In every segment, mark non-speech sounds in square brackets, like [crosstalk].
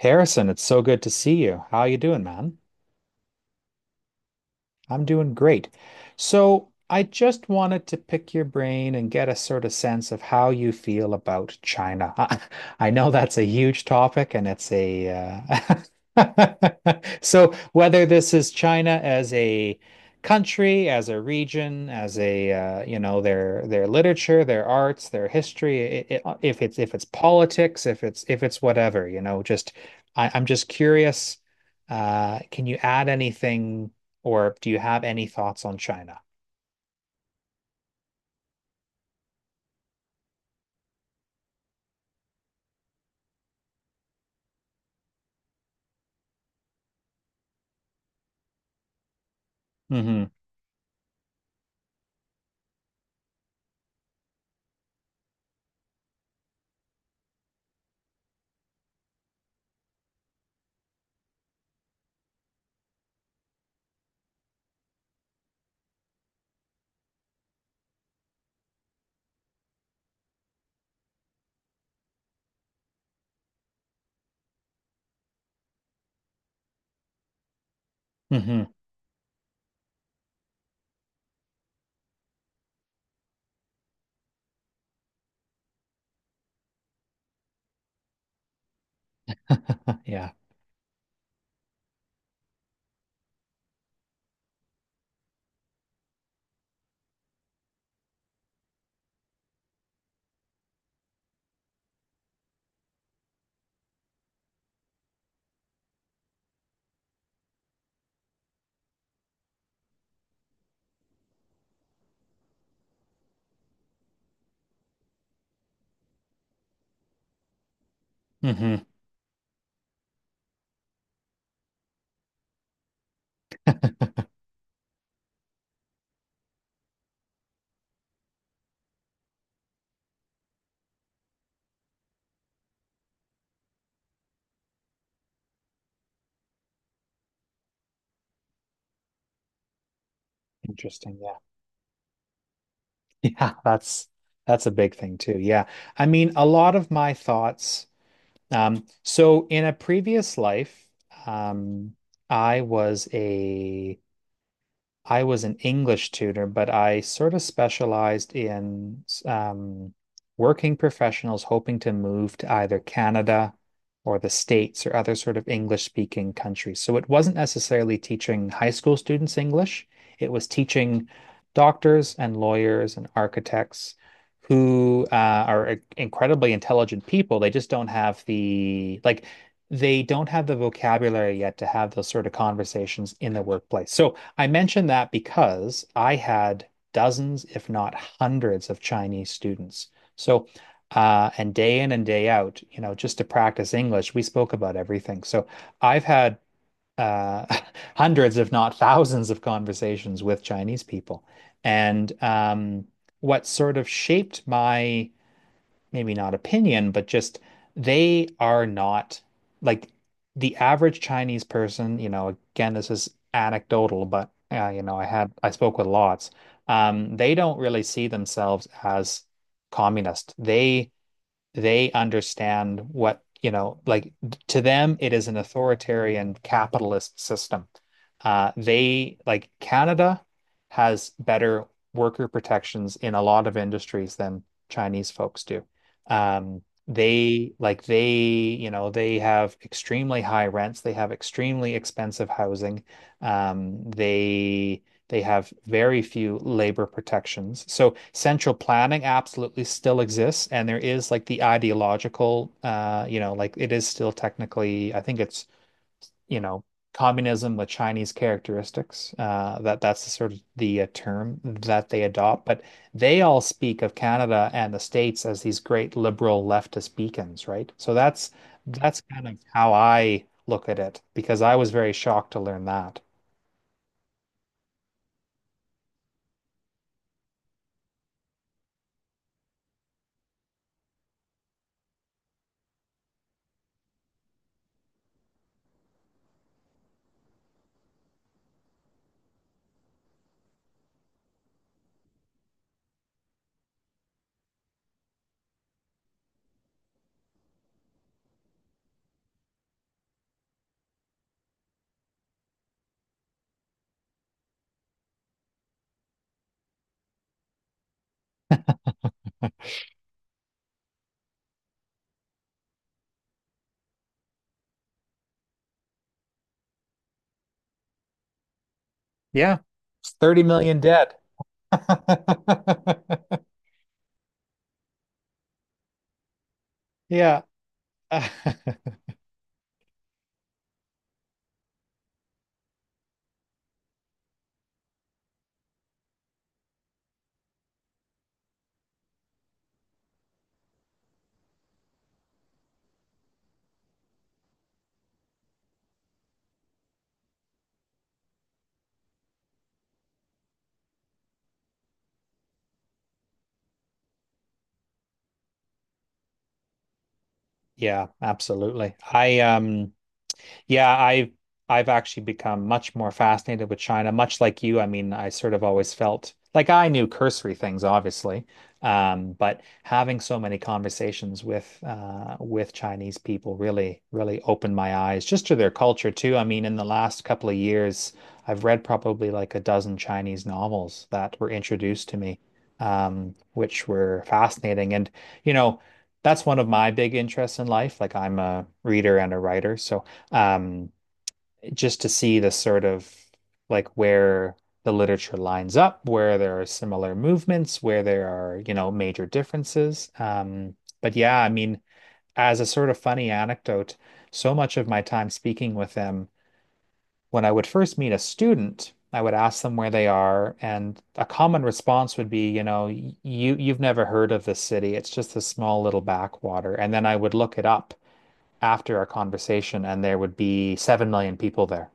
Harrison, it's so good to see you. How you doing, man? I'm doing great. So I just wanted to pick your brain and get a sort of sense of how you feel about China. I know that's a huge topic and it's a uh, [laughs] so whether this is China as a country, as a region, as a you know, their literature, their arts, their history, I if it's politics, if it's whatever, you know, just I'm just curious. Can you add anything? Or do you have any thoughts on China? Mm-hmm. Mm-hmm. Yeah. Mm-hmm. Interesting. Yeah. [laughs] Yeah. That's a big thing too. Yeah. I mean, a lot of my thoughts. So in a previous life, um, I was a I was an English tutor, but I sort of specialized in working professionals hoping to move to either Canada or the States or other sort of English speaking countries. So it wasn't necessarily teaching high school students English, it was teaching doctors and lawyers and architects who are incredibly intelligent people. They just don't have the, like, they don't have the vocabulary yet to have those sort of conversations in the workplace. So I mention that because I had dozens, if not hundreds, of Chinese students. So, and day in and day out, you know, just to practice English, we spoke about everything. So I've had uh, [laughs] hundreds, if not thousands, of conversations with Chinese people. And what sort of shaped my maybe not opinion, but just they are not like the average Chinese person, you know, again, this is anecdotal, but you know, I had I spoke with lots. They don't really see themselves as communist. They understand what, you know, like to them, it is an authoritarian capitalist system. They like Canada has better worker protections in a lot of industries than Chinese folks do. They like they, you know, they have extremely high rents. They have extremely expensive housing. Um, they they have very few labor protections. So central planning absolutely still exists, and there is like the ideological, you know, like it is still technically, I think it's, you know, communism with Chinese characteristics. That that's the sort of the term that they adopt. But they all speak of Canada and the States as these great liberal leftist beacons, right? So that's kind of how I look at it because I was very shocked to learn that. Yeah, 30 million dead. [laughs] Yeah. [laughs] Yeah, absolutely. I. Yeah, I've actually become much more fascinated with China, much like you. I mean, I sort of always felt like I knew cursory things, obviously, but having so many conversations with Chinese people really, really opened my eyes just to their culture too. I mean, in the last couple of years, I've read probably like a dozen Chinese novels that were introduced to me, which were fascinating. And you know, that's one of my big interests in life. Like I'm a reader and a writer, so um, just to see the sort of like where the literature lines up, where there are similar movements, where there are, you know, major differences. But yeah, I mean, as a sort of funny anecdote, so much of my time speaking with them, when I would first meet a student, I would ask them where they are, and a common response would be, you know, you've never heard of this city. It's just a small little backwater. And then I would look it up after our conversation, and there would be 7 million people there.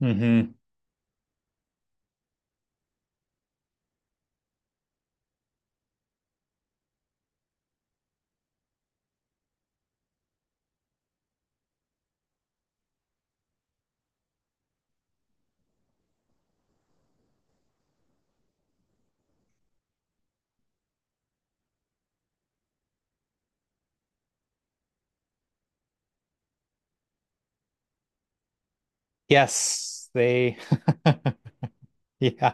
Mm-hmm. Yes, they [laughs] yeah,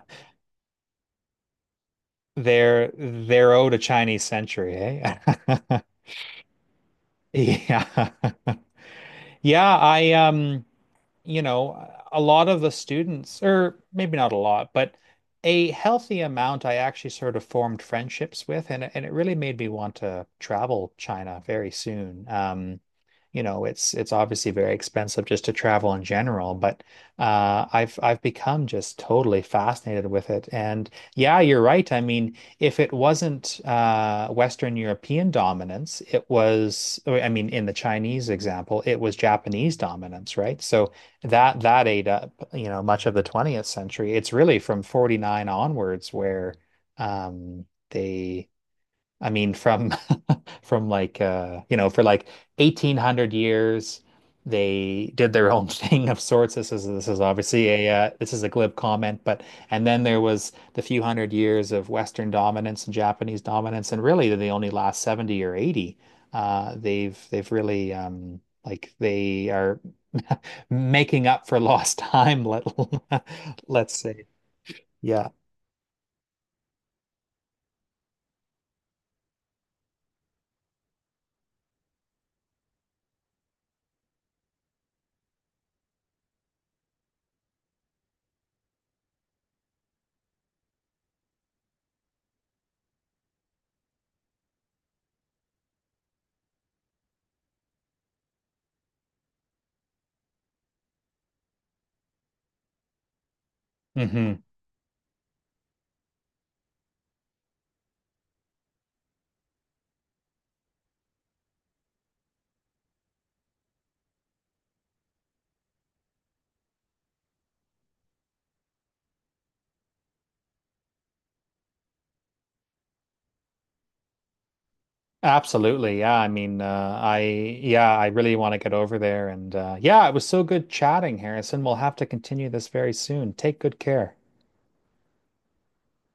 they're owed a Chinese century, eh? [laughs] Yeah. [laughs] Yeah, I. You know, a lot of the students, or maybe not a lot, but a healthy amount I actually sort of formed friendships with, and it really made me want to travel China very soon. You know, it's obviously very expensive just to travel in general, but I've become just totally fascinated with it. And yeah, you're right. I mean, if it wasn't Western European dominance, it was, I mean, in the Chinese example, it was Japanese dominance, right? So that ate up, you know, much of the 20th century. It's really from 49 onwards where um, they from [laughs] from like you know, for like 1800 years, they did their own [laughs] thing of sorts. This is obviously a this is a glib comment, but and then there was the few hundred years of Western dominance and Japanese dominance, and really the only last 70 or 80, they've really like they are [laughs] making up for lost time, let [laughs] let's say. Yeah. Mhm. Absolutely. Yeah. I mean, yeah, I really want to get over there. And yeah, it was so good chatting, Harrison. We'll have to continue this very soon. Take good care.